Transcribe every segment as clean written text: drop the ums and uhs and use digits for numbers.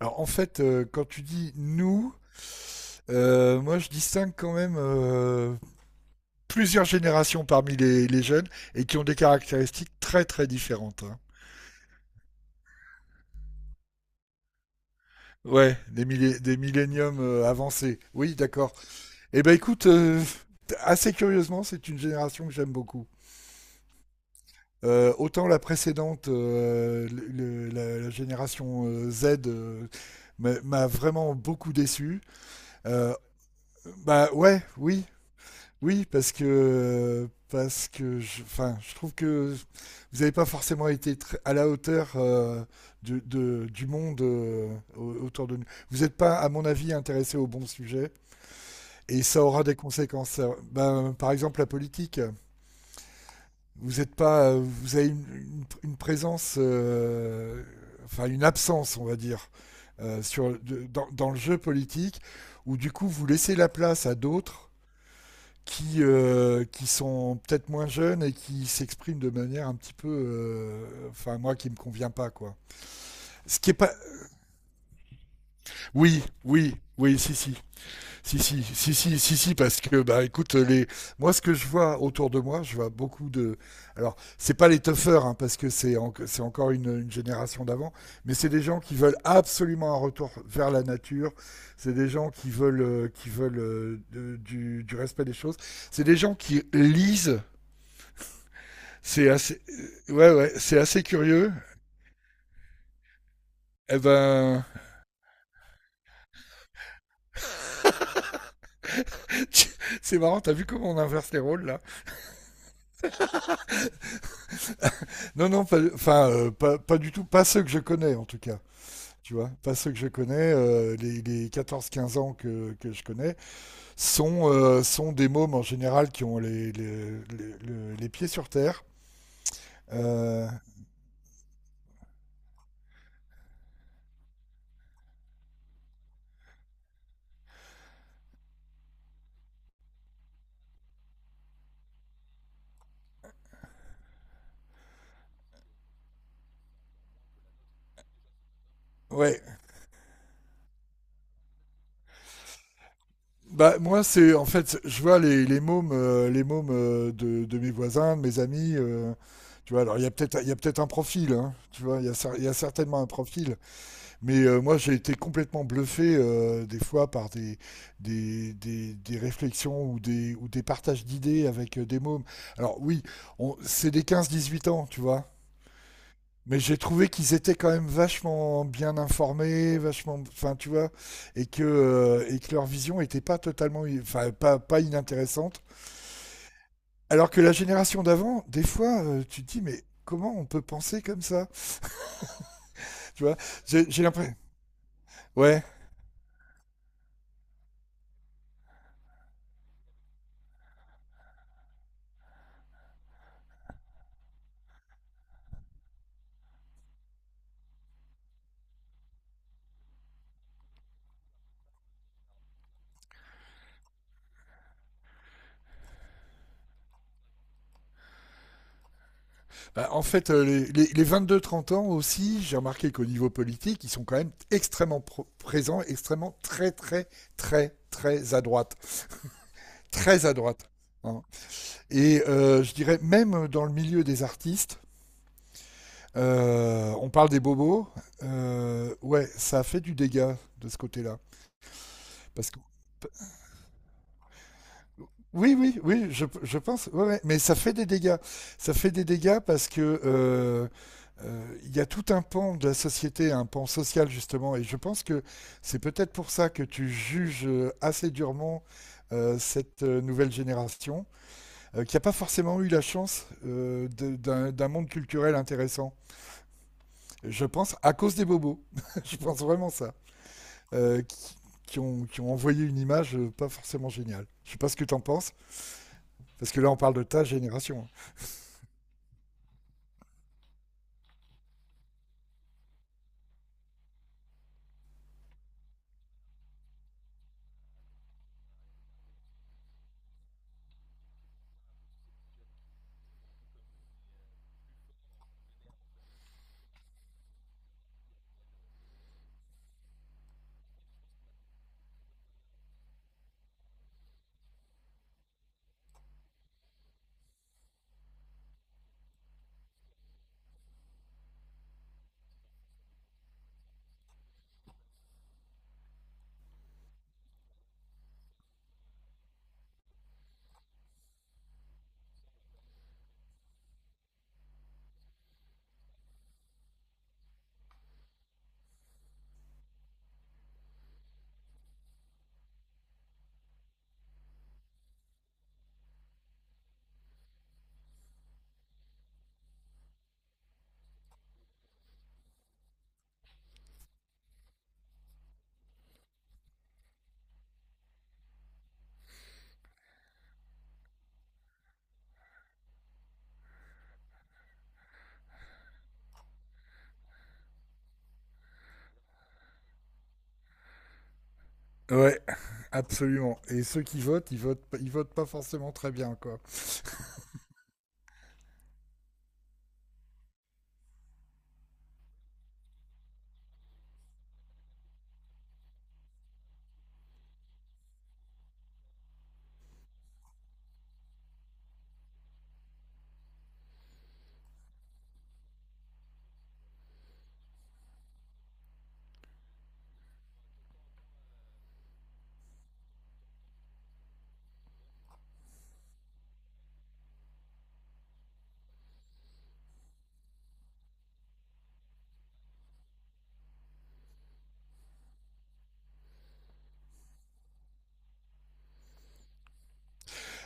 Alors en fait, quand tu dis nous, moi je distingue quand même, plusieurs générations parmi les jeunes et qui ont des caractéristiques très très différentes, hein. Ouais, des milléniums avancés. Oui, d'accord. Eh ben écoute, assez curieusement, c'est une génération que j'aime beaucoup. Autant la précédente, la génération Z, m'a vraiment beaucoup déçu. Euh, Bah ouais, oui. Oui, parce que je, enfin, je trouve que vous n'avez pas forcément été à la hauteur, du monde autour de nous. Vous n'êtes pas, à mon avis, intéressé au bon sujet, et ça aura des conséquences. Ben, par exemple, la politique. Vous n'êtes pas, vous avez une présence, enfin une absence, on va dire, dans le jeu politique, où du coup vous laissez la place à d'autres qui sont peut-être moins jeunes et qui s'expriment de manière un petit peu, enfin moi qui me convient pas quoi. Ce qui est pas, Oui, oui, oui, si, si, si, si, si, si, si, si, parce que bah écoute les, moi ce que je vois autour de moi, je vois beaucoup de, alors c'est pas les toughers, hein, parce que c'est encore une génération d'avant, mais c'est des gens qui veulent absolument un retour vers la nature, c'est des gens qui veulent du respect des choses, c'est des gens qui lisent. C'est assez, ouais, ouais, c'est assez curieux. Eh ben, c'est marrant, t'as vu comment on inverse les rôles là. Non, non, enfin, pas du tout, pas ceux que je connais en tout cas, tu vois, pas ceux que je connais, les 14-15 ans que je connais, sont, sont des mômes en général qui ont les pieds sur terre. Euh, ouais. Bah, moi, c'est en fait, je vois les mômes, les mômes de mes voisins, de mes amis. Tu vois, alors il y a peut-être un profil, hein, tu vois, il y a certainement un profil. Mais moi, j'ai été complètement bluffé des fois par des réflexions ou des partages d'idées avec des mômes. Alors oui, c'est des 15-18 ans, tu vois. Mais j'ai trouvé qu'ils étaient quand même vachement bien informés, vachement, enfin tu vois, et que leur vision était pas totalement, enfin pas inintéressante. Alors que la génération d'avant, des fois, tu te dis mais comment on peut penser comme ça, tu vois. J'ai l'impression. Ouais. Bah, en fait, les 22-30 ans aussi, j'ai remarqué qu'au niveau politique, ils sont quand même extrêmement présents, extrêmement très très très très à droite, très à droite, hein. Et je dirais même dans le milieu des artistes. On parle des bobos. Ouais, ça a fait du dégât de ce côté-là. Parce que. Oui, oui, oui, je pense. Ouais, ouais, mais ça fait des dégâts. Ça fait des dégâts parce que il y a tout un pan de la société, un pan social justement, et je pense que c'est peut-être pour ça que tu juges, assez durement cette nouvelle génération, qui n'a pas forcément eu la chance d'un monde culturel intéressant. Je pense à cause des bobos. Je pense vraiment ça. euh, qui, qui ont envoyé une image pas forcément géniale. Je sais pas ce que t'en penses, parce que là on parle de ta génération. Ouais, absolument. Et ceux qui votent, ils votent pas forcément très bien, quoi.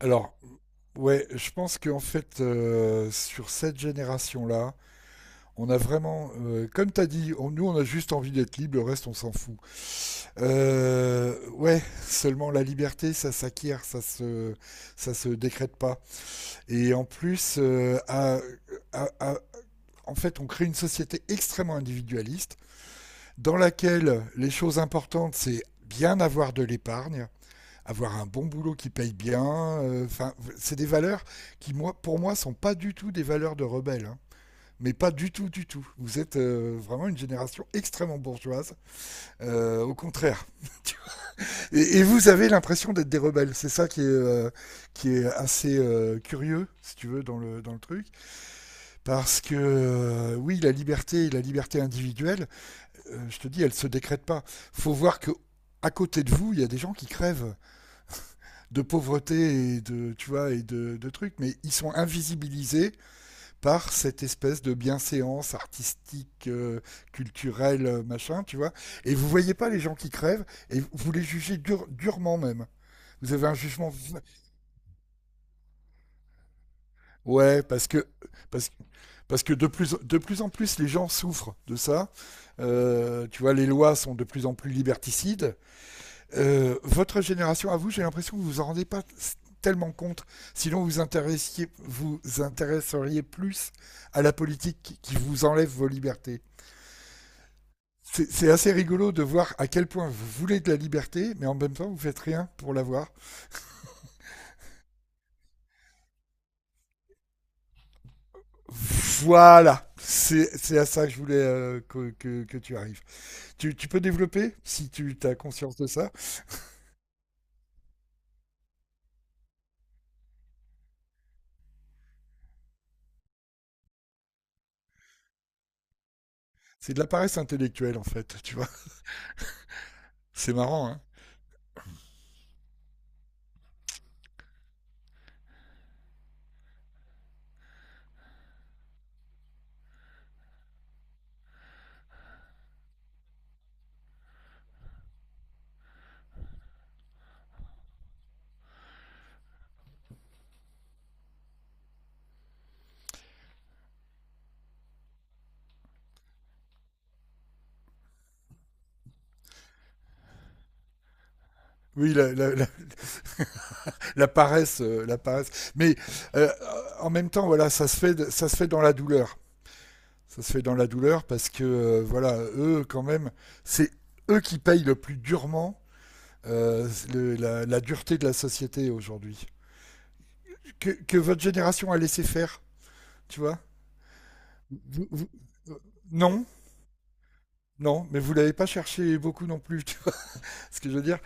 Alors, ouais, je pense qu'en fait, sur cette génération-là, on a vraiment, comme t'as dit, nous on a juste envie d'être libre, le reste on s'en fout. Ouais, seulement la liberté, ça s'acquiert, ça se décrète pas. Et en plus, à- à- en fait, on crée une société extrêmement individualiste dans laquelle les choses importantes, c'est bien avoir de l'épargne, avoir un bon boulot qui paye bien. Enfin, c'est des valeurs qui, moi, pour moi, sont pas du tout des valeurs de rebelles, hein. Mais pas du tout, du tout. Vous êtes vraiment une génération extrêmement bourgeoise. Au contraire. Et vous avez l'impression d'être des rebelles. C'est ça qui est assez curieux, si tu veux, dans le truc. Parce que, oui, la liberté individuelle, je te dis, elle ne se décrète pas. Il faut voir que à côté de vous, il y a des gens qui crèvent de pauvreté tu vois, et de trucs, mais ils sont invisibilisés par cette espèce de bienséance artistique, culturelle, machin, tu vois. Et vous voyez pas les gens qui crèvent et vous les jugez durement même. Vous avez un jugement. Ouais, parce, parce que de plus en plus, les gens souffrent de ça. Tu vois, les lois sont de plus en plus liberticides. Votre génération, à vous, j'ai l'impression que vous vous en rendez pas tellement compte. Sinon, vous intéresseriez plus à la politique qui vous enlève vos libertés. C'est assez rigolo de voir à quel point vous voulez de la liberté, mais en même temps, vous faites rien pour l'avoir. Voilà, c'est à ça que je voulais, que tu arrives. Tu peux développer, si tu as conscience de ça. C'est de la paresse intellectuelle, en fait, tu vois. C'est marrant, hein. Oui, la paresse, la paresse. Mais euh, en même temps, voilà, ça se fait dans la douleur. Ça se fait dans la douleur parce que, voilà, eux quand même, c'est eux qui payent le plus durement la dureté de la société aujourd'hui. Que votre génération a laissé faire, tu vois. Vous- vous- euh, non, non, mais vous l'avez pas cherché beaucoup non plus, tu vois ce que je veux dire.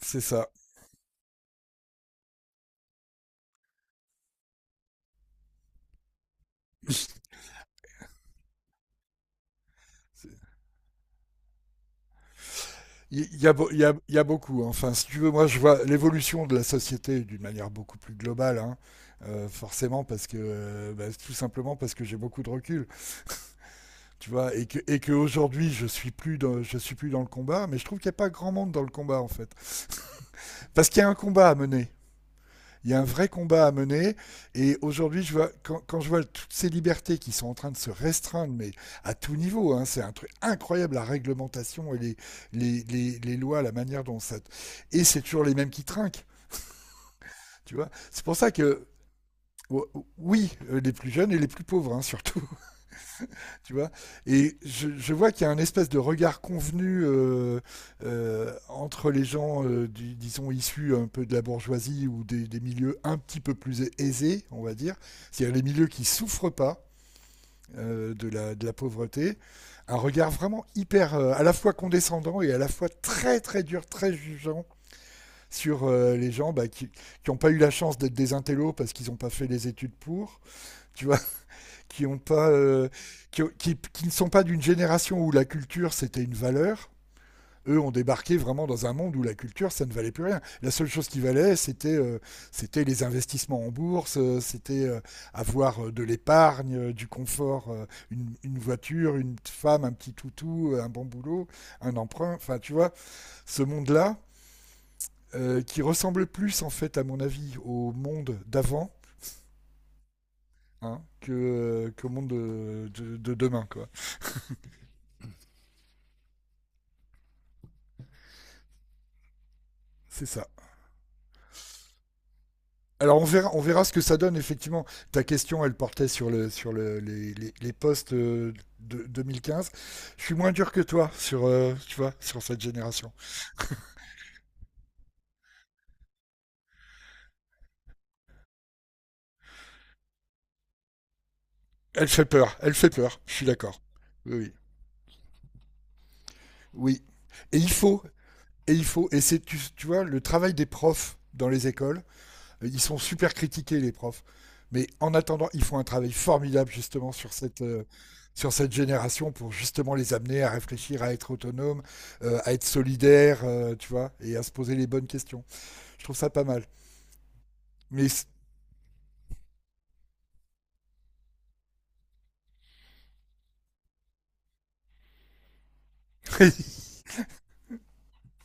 C'est ça. Il y a, beau- il y a beaucoup, hein. Enfin, si tu veux, moi, je vois l'évolution de la société d'une manière beaucoup plus globale, hein. Forcément, parce que, bah, tout simplement parce que j'ai beaucoup de recul, tu vois, et que aujourd'hui, je suis plus dans le combat, mais je trouve qu'il n'y a pas grand monde dans le combat en fait, parce qu'il y a un combat à mener. Il y a un vrai combat à mener. Et aujourd'hui, je vois toutes ces libertés qui sont en train de se restreindre, mais à tout niveau, hein, c'est un truc incroyable, la réglementation et les lois, la manière dont ça... Et c'est toujours les mêmes qui trinquent, tu vois. C'est pour ça que... Oh, oui, les plus jeunes et les plus pauvres, hein, surtout. Tu vois. Et je vois qu'il y a un espèce de regard convenu, entre les gens, disons, issus un peu de la bourgeoisie ou des milieux un petit peu plus aisés, on va dire, c'est-à-dire les milieux qui souffrent pas de la pauvreté, un regard vraiment hyper, à la fois condescendant et à la fois très très dur, très jugeant sur les gens, bah, qui n'ont pas eu la chance d'être des intellos parce qu'ils n'ont pas fait les études pour, tu vois, qui ont pas, qui ne sont pas d'une génération où la culture c'était une valeur. Eux ont débarqué vraiment dans un monde où la culture, ça ne valait plus rien. La seule chose qui valait, c'était les investissements en bourse, c'était, avoir, de l'épargne, du confort, une voiture, une femme, un petit toutou, un bon boulot, un emprunt. Enfin, tu vois, ce monde-là, qui ressemble plus, en fait, à mon avis, au monde d'avant, hein, monde de demain, quoi. C'est ça. Alors on verra ce que ça donne effectivement. Ta question, elle portait sur les postes de 2015. Je suis moins dur que toi sur tu vois, sur cette génération. Elle fait peur, elle fait peur. Je suis d'accord. Oui, oui, oui. Et il faut, et il faut, et c'est tu vois le travail des profs dans les écoles. Ils sont super critiqués, les profs. Mais en attendant, ils font un travail formidable justement sur cette génération pour justement les amener à réfléchir, à être autonomes, à être solidaires, tu vois, et à se poser les bonnes questions. Je trouve ça pas mal. Mais c-